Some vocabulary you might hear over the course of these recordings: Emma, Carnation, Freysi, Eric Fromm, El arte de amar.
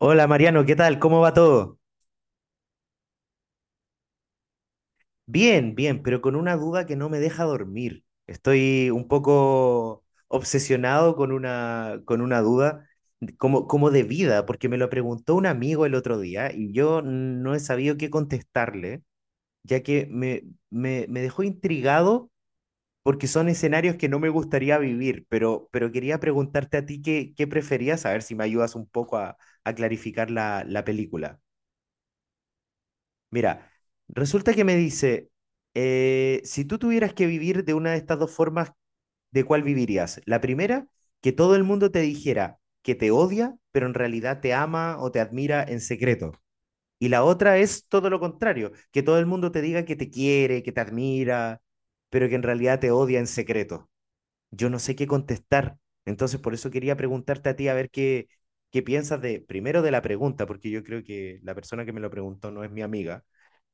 Hola Mariano, ¿qué tal? ¿Cómo va todo? Bien, bien, pero con una duda que no me deja dormir. Estoy un poco obsesionado con una duda como de vida, porque me lo preguntó un amigo el otro día y yo no he sabido qué contestarle, ya que me dejó intrigado porque son escenarios que no me gustaría vivir, pero quería preguntarte a ti qué preferías, a ver si me ayudas un poco a clarificar la película. Mira, resulta que me dice, si tú tuvieras que vivir de una de estas dos formas, ¿de cuál vivirías? La primera, que todo el mundo te dijera que te odia, pero en realidad te ama o te admira en secreto. Y la otra es todo lo contrario, que todo el mundo te diga que te quiere, que te admira, pero que en realidad te odia en secreto. Yo no sé qué contestar. Entonces, por eso quería preguntarte a ti a ver qué piensas de, primero de la pregunta, porque yo creo que la persona que me lo preguntó no es mi amiga.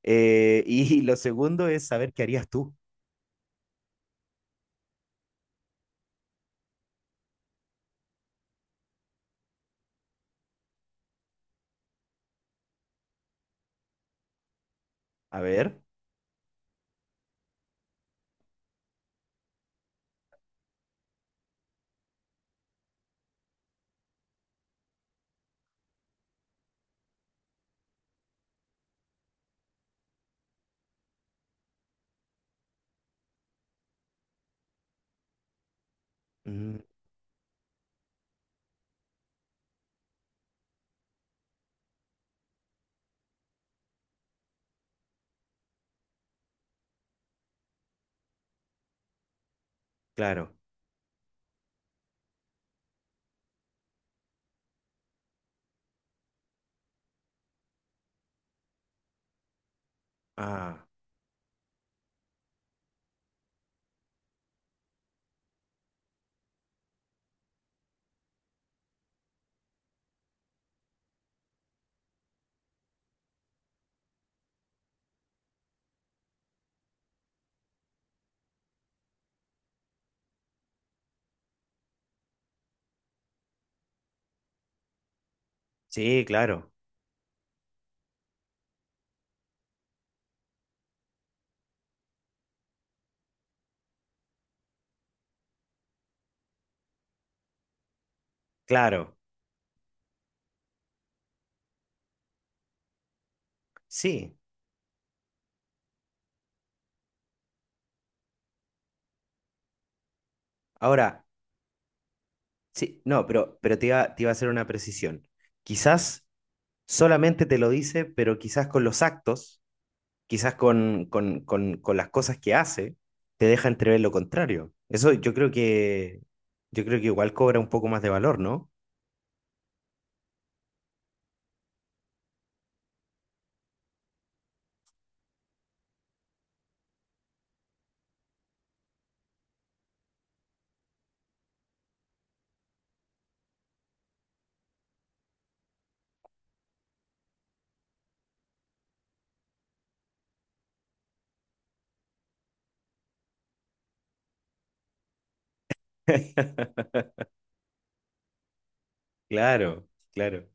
Y lo segundo es saber qué harías tú. A ver. Mm, claro. Ah, sí, claro. Claro. Sí. Ahora, sí, no, pero, pero te iba a hacer una precisión. Quizás solamente te lo dice, pero quizás con los actos quizás con las cosas que hace, te deja entrever lo contrario. Eso yo creo que igual cobra un poco más de valor, ¿no? Claro, claro.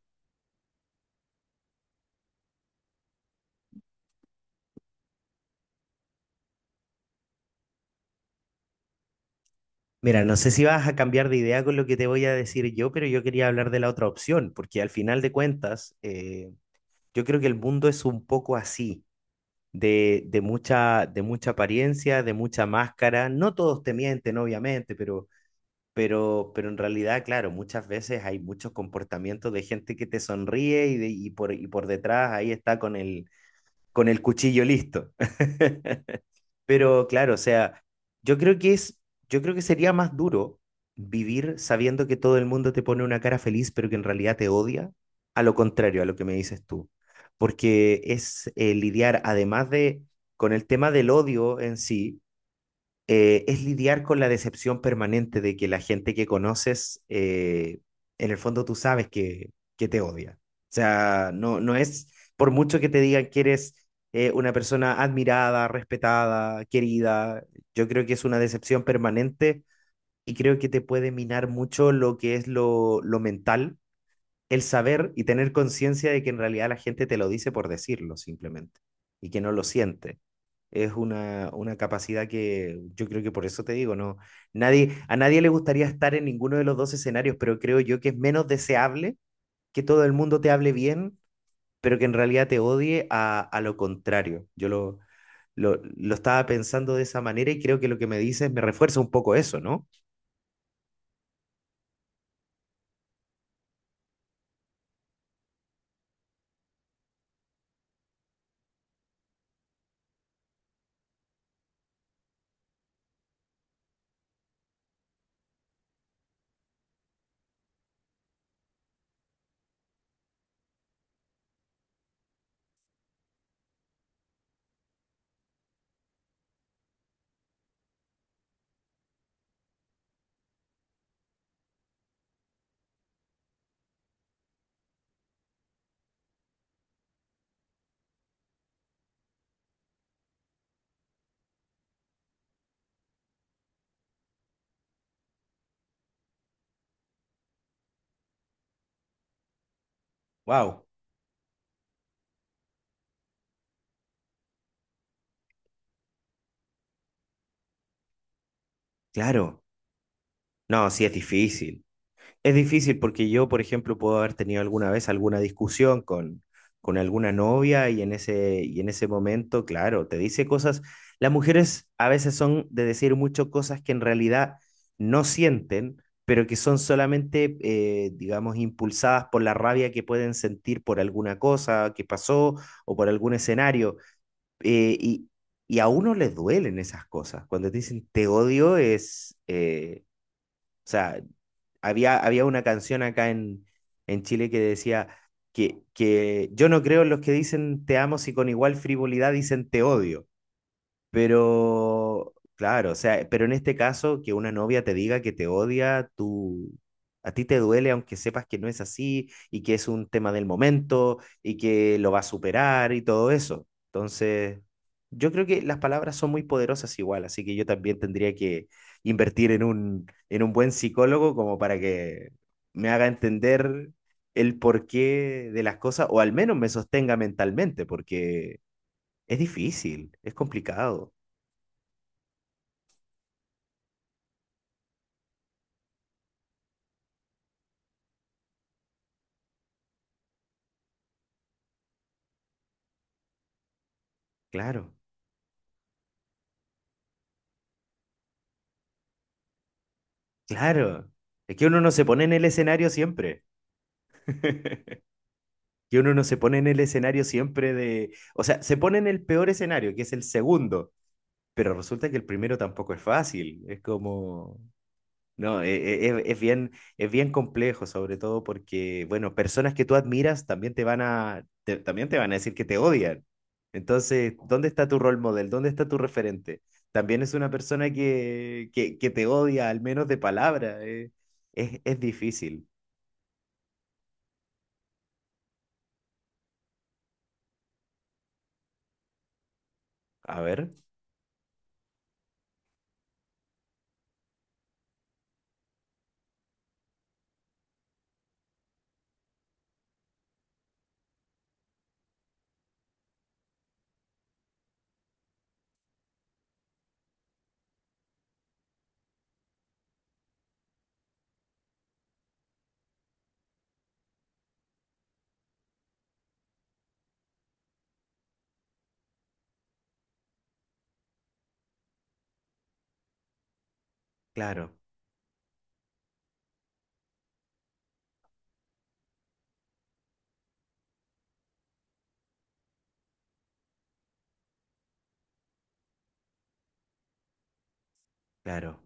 Mira, no sé si vas a cambiar de idea con lo que te voy a decir yo, pero yo quería hablar de la otra opción, porque al final de cuentas, yo creo que el mundo es un poco así, de mucha apariencia, de mucha máscara. No todos te mienten, obviamente, pero en realidad, claro, muchas veces hay muchos comportamientos de gente que te sonríe y por detrás ahí está con con el cuchillo listo. Pero claro, o sea, yo creo que es, yo creo que sería más duro vivir sabiendo que todo el mundo te pone una cara feliz, pero que en realidad te odia, a lo contrario a lo que me dices tú. Porque es lidiar, además de con el tema del odio en sí, es lidiar con la decepción permanente de que la gente que conoces, en el fondo tú sabes que te odia. O sea, no, no es por mucho que te digan que eres una persona admirada, respetada, querida, yo creo que es una decepción permanente y creo que te puede minar mucho lo que es lo mental el saber y tener conciencia de que en realidad la gente te lo dice por decirlo simplemente y que no lo siente. Es una capacidad que yo creo que por eso te digo, no, nadie, a nadie le gustaría estar en ninguno de los dos escenarios, pero creo yo que es menos deseable que todo el mundo te hable bien, pero que en realidad te odie a lo contrario. Yo lo estaba pensando de esa manera y creo que lo que me dices me refuerza un poco eso, ¿no? Wow, claro. No, sí es difícil. Es difícil porque yo, por ejemplo, puedo haber tenido alguna vez alguna discusión con alguna novia y en ese momento, claro, te dice cosas. Las mujeres a veces son de decir mucho cosas que en realidad no sienten, pero que son solamente, digamos, impulsadas por la rabia que pueden sentir por alguna cosa que pasó o por algún escenario. Eh, y, y a uno les duelen esas cosas. Cuando te dicen te odio es... sea, había una canción acá en Chile que decía que yo no creo en los que dicen te amo si con igual frivolidad dicen te odio. Pero, claro, o sea, pero en este caso, que una novia te diga que te odia, tú, a ti te duele aunque sepas que no es así y que es un tema del momento y que lo va a superar y todo eso. Entonces, yo creo que las palabras son muy poderosas igual, así que yo también tendría que invertir en en un buen psicólogo como para que me haga entender el porqué de las cosas o al menos me sostenga mentalmente, porque es difícil, es complicado. Claro, claro. Es que uno no se pone en el escenario siempre. Que uno no se pone en el escenario siempre de... O sea, se pone en el peor escenario, que es el segundo, pero resulta que el primero tampoco es fácil. Es como... No, bien, es bien complejo, sobre todo porque, bueno, personas que tú admiras también te van también te van a decir que te odian. Entonces, ¿dónde está tu role model? ¿Dónde está tu referente? También es una persona que te odia, al menos de palabra. Es difícil. A ver, claro, claro.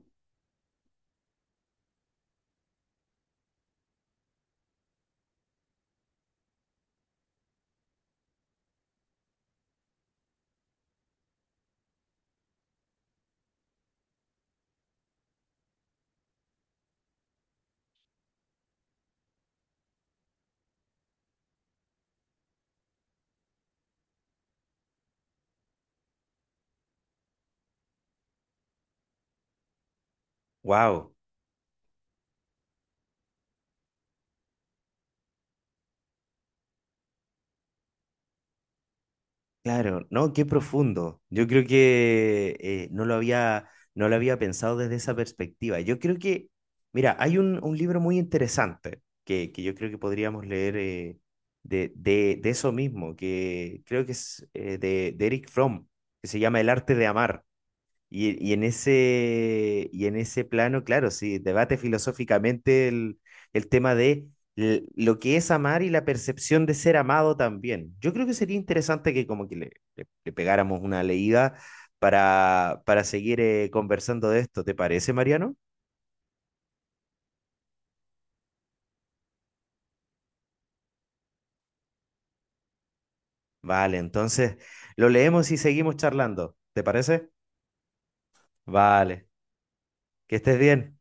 Wow. Claro, no, qué profundo. Yo creo que no lo había pensado desde esa perspectiva. Yo creo que, mira, hay un libro muy interesante que yo creo que podríamos leer de eso mismo, que creo que es de Eric Fromm, que se llama El arte de amar. Y en ese plano, claro, sí, debate filosóficamente el tema de lo que es amar y la percepción de ser amado también. Yo creo que sería interesante que como que le pegáramos una leída para seguir conversando de esto. ¿Te parece, Mariano? Vale, entonces lo leemos y seguimos charlando. ¿Te parece? Vale, que estés bien.